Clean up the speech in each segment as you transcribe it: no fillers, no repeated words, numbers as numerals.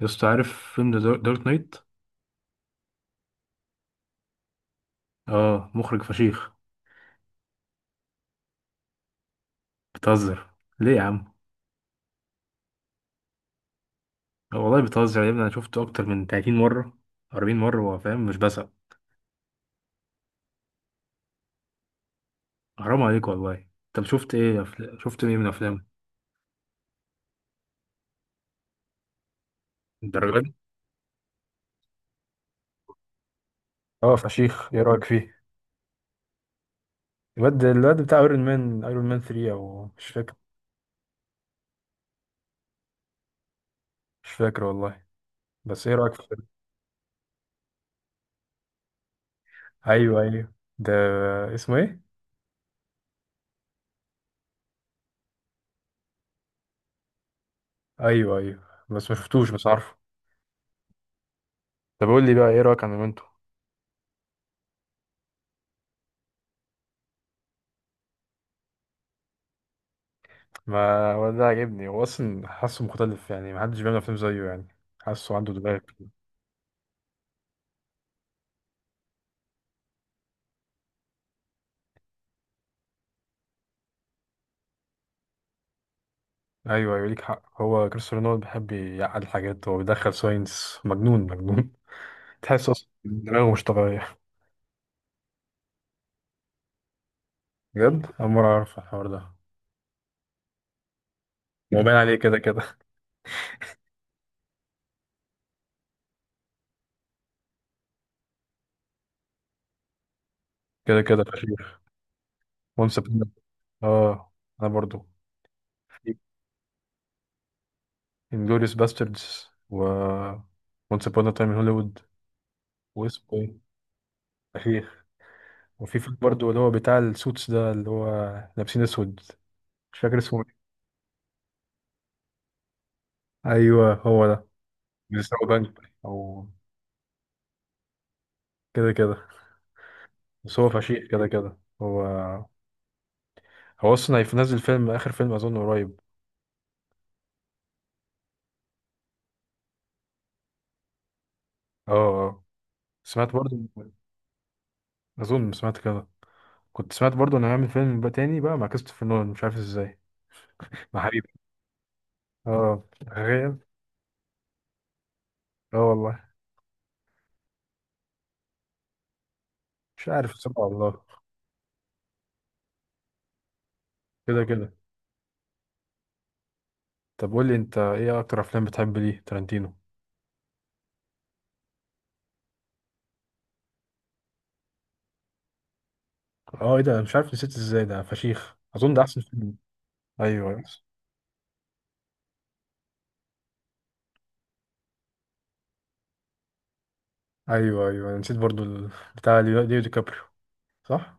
يا اسطى عارف فيلم ذا دارك نايت. اه مخرج فشيخ. بتهزر؟ ليه يا عم؟ آه والله بتهزر يا ابني، انا شفته اكتر من 30 مره، 40 مره. هو فاهم مش بسق. حرام عليك والله. طب شفت ايه شفت ايه من افلام الدرجه دي؟ اه فشيخ. ايه رايك فيه؟ الواد بتاع ايرون مان، ايرون مان 3 او مش فاكر. مش فاكر والله. بس ايه رايك فيه؟ ايوه ايوه، ده اسمه ايه؟ ايوه ايوه بس ما شفتوش، بس عارفه. طب قول لي بقى ايه رايك عن مومنتو؟ ما هو ده عاجبني، هو اصلا حاسه مختلف يعني، ما حدش بيعمل افلام زيه يعني. حاسه عنده دماغ كده. ايوه ايوه، ليك حق. هو كريستيانو رونالدو بيحب يعقد حاجات، هو بيدخل ساينس، مجنون مجنون. تحس اصلا دماغه مش طبيعيه. بجد اول مره اعرف الحوار ده. هو باين عليه كده كده. كده كده فشيخ. وانس. اه انا برضو. انجلوريوس باستردز و وانس ابون تايم ان هوليوود. واسمه ايه؟ فشيخ. وفي فيلم برضو اللي هو بتاع السوتس ده، اللي هو لابسين اسود، مش فاكر اسمه. ايوه هو ده. بيسرقوا بنك او كده كده. بس هو فشيخ كده كده هو. هو اصلا هينزل فيلم، اخر فيلم اظن قريب. اه اه. سمعت برضو، اظن سمعت كده. كنت سمعت برضو انه هيعمل فيلم بقى تاني بقى مع كريستوفر نولان، مش عارف ازاي. مع حبيبي. اه تخيل. اه والله. مش عارف، سبحان الله. كده كده. طب قول لي، انت ايه اكتر افلام بتحب ليه تارانتينو؟ اه ايه ده، أنا مش عارف نسيت ازاي ده فشيخ، اظن ده احسن فيلم. ايوه ايوه. ايوه أنا نسيت برضو بتاع ليو دي كابريو. صح.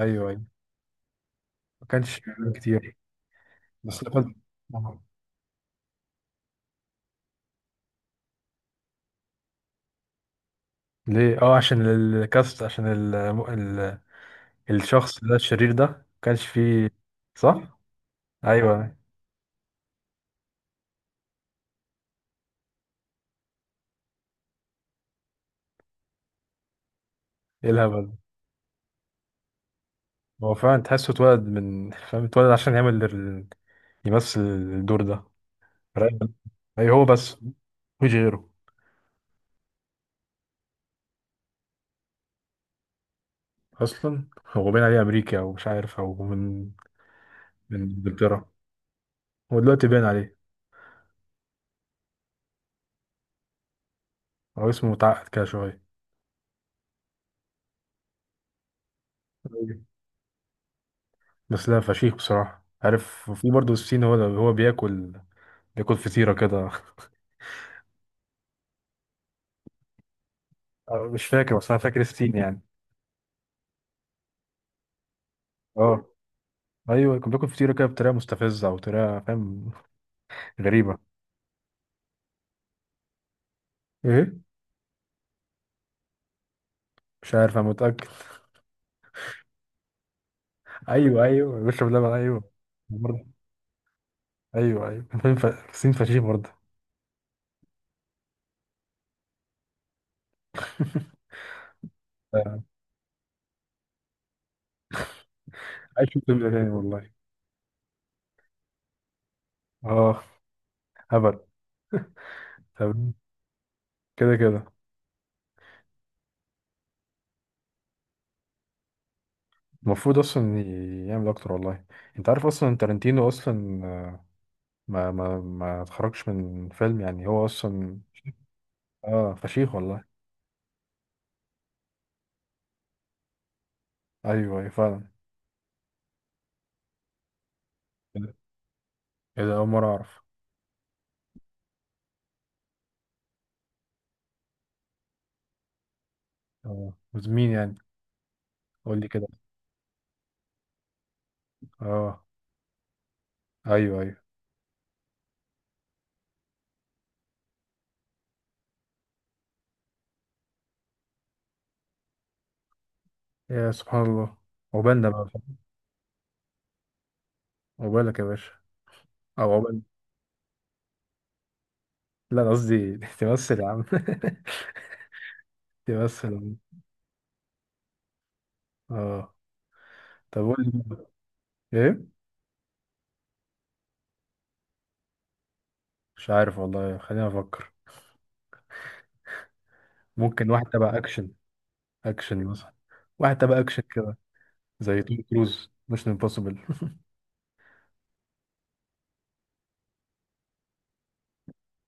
ايوه ايوه. ما كانش اعلان كتير. بس لقد. ليه؟ اه عشان الكاست، عشان ال... الشخص ده، الشرير ده، ما كانش فيه. صح. ايوه أيوه. ايه الهبل ده؟ هو فعلا تحسه اتولد من فاهم، اتولد عشان يعمل يمثل الدور ده. رايق. اي هو بس، مفيش غيره. اصلا هو باين عليه امريكا او مش عارف، او من انجلترا. هو دلوقتي باين عليه. هو اسمه متعقد كده شويه. بس لا فشيخ، بصراحة عارف في برضه الصين؟ هو بياكل، بياكل فطيرة كده. أه، مش فاكر بس أنا فاكر الصين يعني. اه أيوه، كان بياكل فطيرة كده بطريقة مستفزة، أو طريقة فاهم. غريبة. إيه. مش عارف أنا متأكد. أيوه أيوه، بيشرب لبن أيوه. برضه. أيوه أيوه. فاهم الصين فشيخ برضه. آه. عايش في فيلم تاني والله. اه. هبل. طب. كده كده. المفروض اصلا يعمل اكتر والله. انت عارف اصلا تارانتينو اصلا ما اتخرجش من فيلم يعني، هو اصلا. اه فشيخ والله. ايوه ايوه فعلا. ايه ده، اول مره اعرف. اه. مين يعني؟ قول لي كده. اه. ايوه ايوه. يا سبحان الله. عقبالنا بقى. عقبالك يا باشا. او عقبال. لا أنا قصدي، تمثل يا عم. تمثل يا عم. اه. طب قول لي ايه. مش عارف والله، خليني افكر. ممكن واحد تبع اكشن. اكشن مثلا، واحد تبع اكشن كده. زي توم كروز، مش امبوسيبل.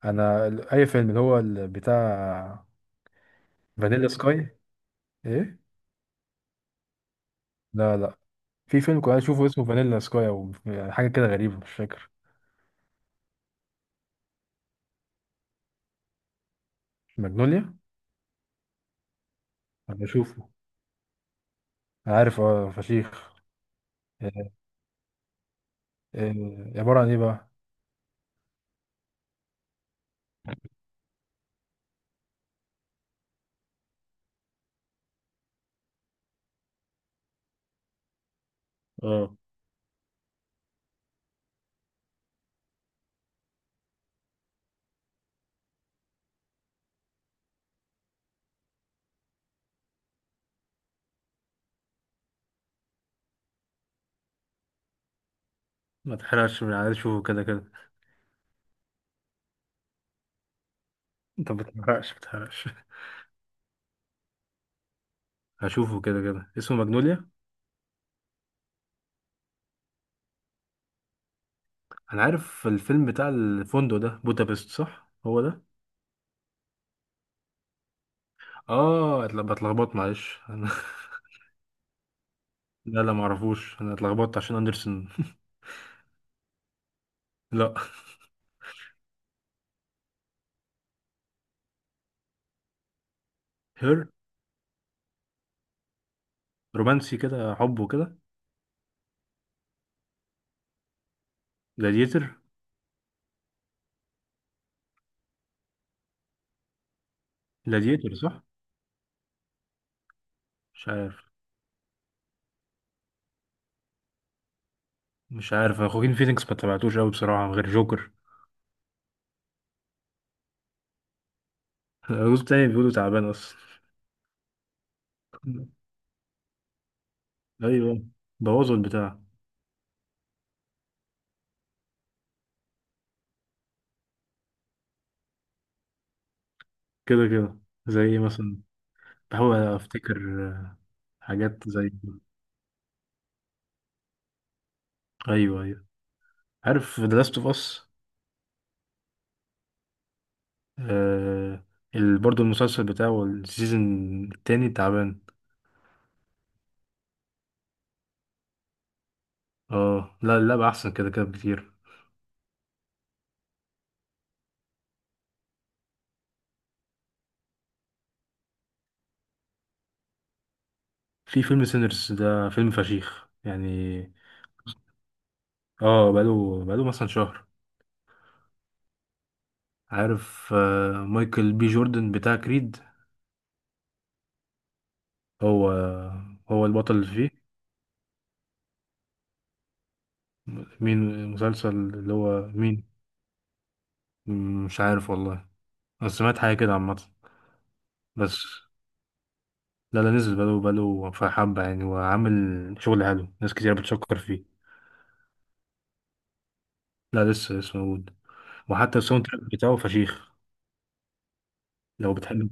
انا اي فيلم اللي هو بتاع فانيلا سكاي. ايه. لا لا، في فيلم كنت اشوفه اسمه فانيلا سكاي، او حاجه كده غريبه، مش فاكر. ماجنوليا. انا بشوفه، انا عارف اه فشيخ. إيه. إيه عباره عن ايه بقى؟ اه. ما تحرقش، من عايز اشوفه كده كده. انت ما بتحرقش ما بتحرقش. هشوفه كده كده اسمه ماجنوليا. انا عارف الفيلم بتاع الفندق ده بودابست، صح هو ده؟ اه بتلخبط، معلش انا. لا لا ما اعرفوش، انا اتلخبطت عشان اندرسون. لا. هير. رومانسي كده، حب وكده. جلاديتر. جلاديتر صح. مش عارف. مش عارف أنا خواكين فينيكس ما تابعتوش قوي بصراحة، غير جوكر. الجزء التاني بيقولوا تعبان أصلا. أيوه. بوظوا البتاع. كده كده. زي إيه مثلا؟ بحاول أفتكر. آه. حاجات زي. أيوه أيوه، عارف ذا لاست أوف أس؟ برضه المسلسل بتاعه السيزون التاني تعبان. اه. لا اللعبة أحسن كده كده بكتير. في فيلم سينرز، ده فيلم فشيخ يعني. اه بقاله مثلا شهر. عارف آه، مايكل بي جوردن بتاع كريد. هو هو البطل اللي فيه. مين المسلسل، اللي هو مين؟ مم، مش عارف والله. بس سمعت حاجة كده عامة. بس. لا لا نزل، بقاله في حبة يعني، وعامل شغل حلو، ناس كتير بتشكر فيه. لا لسه، لسه موجود. وحتى الساوند تراك بتاعه فشيخ. لو بتحب،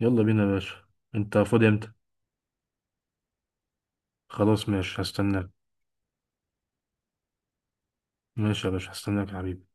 يلا بينا يا باشا. انت فاضي امتى؟ خلاص ماشي، هستناك. ماشي يا باشا، هستناك يا حبيبي.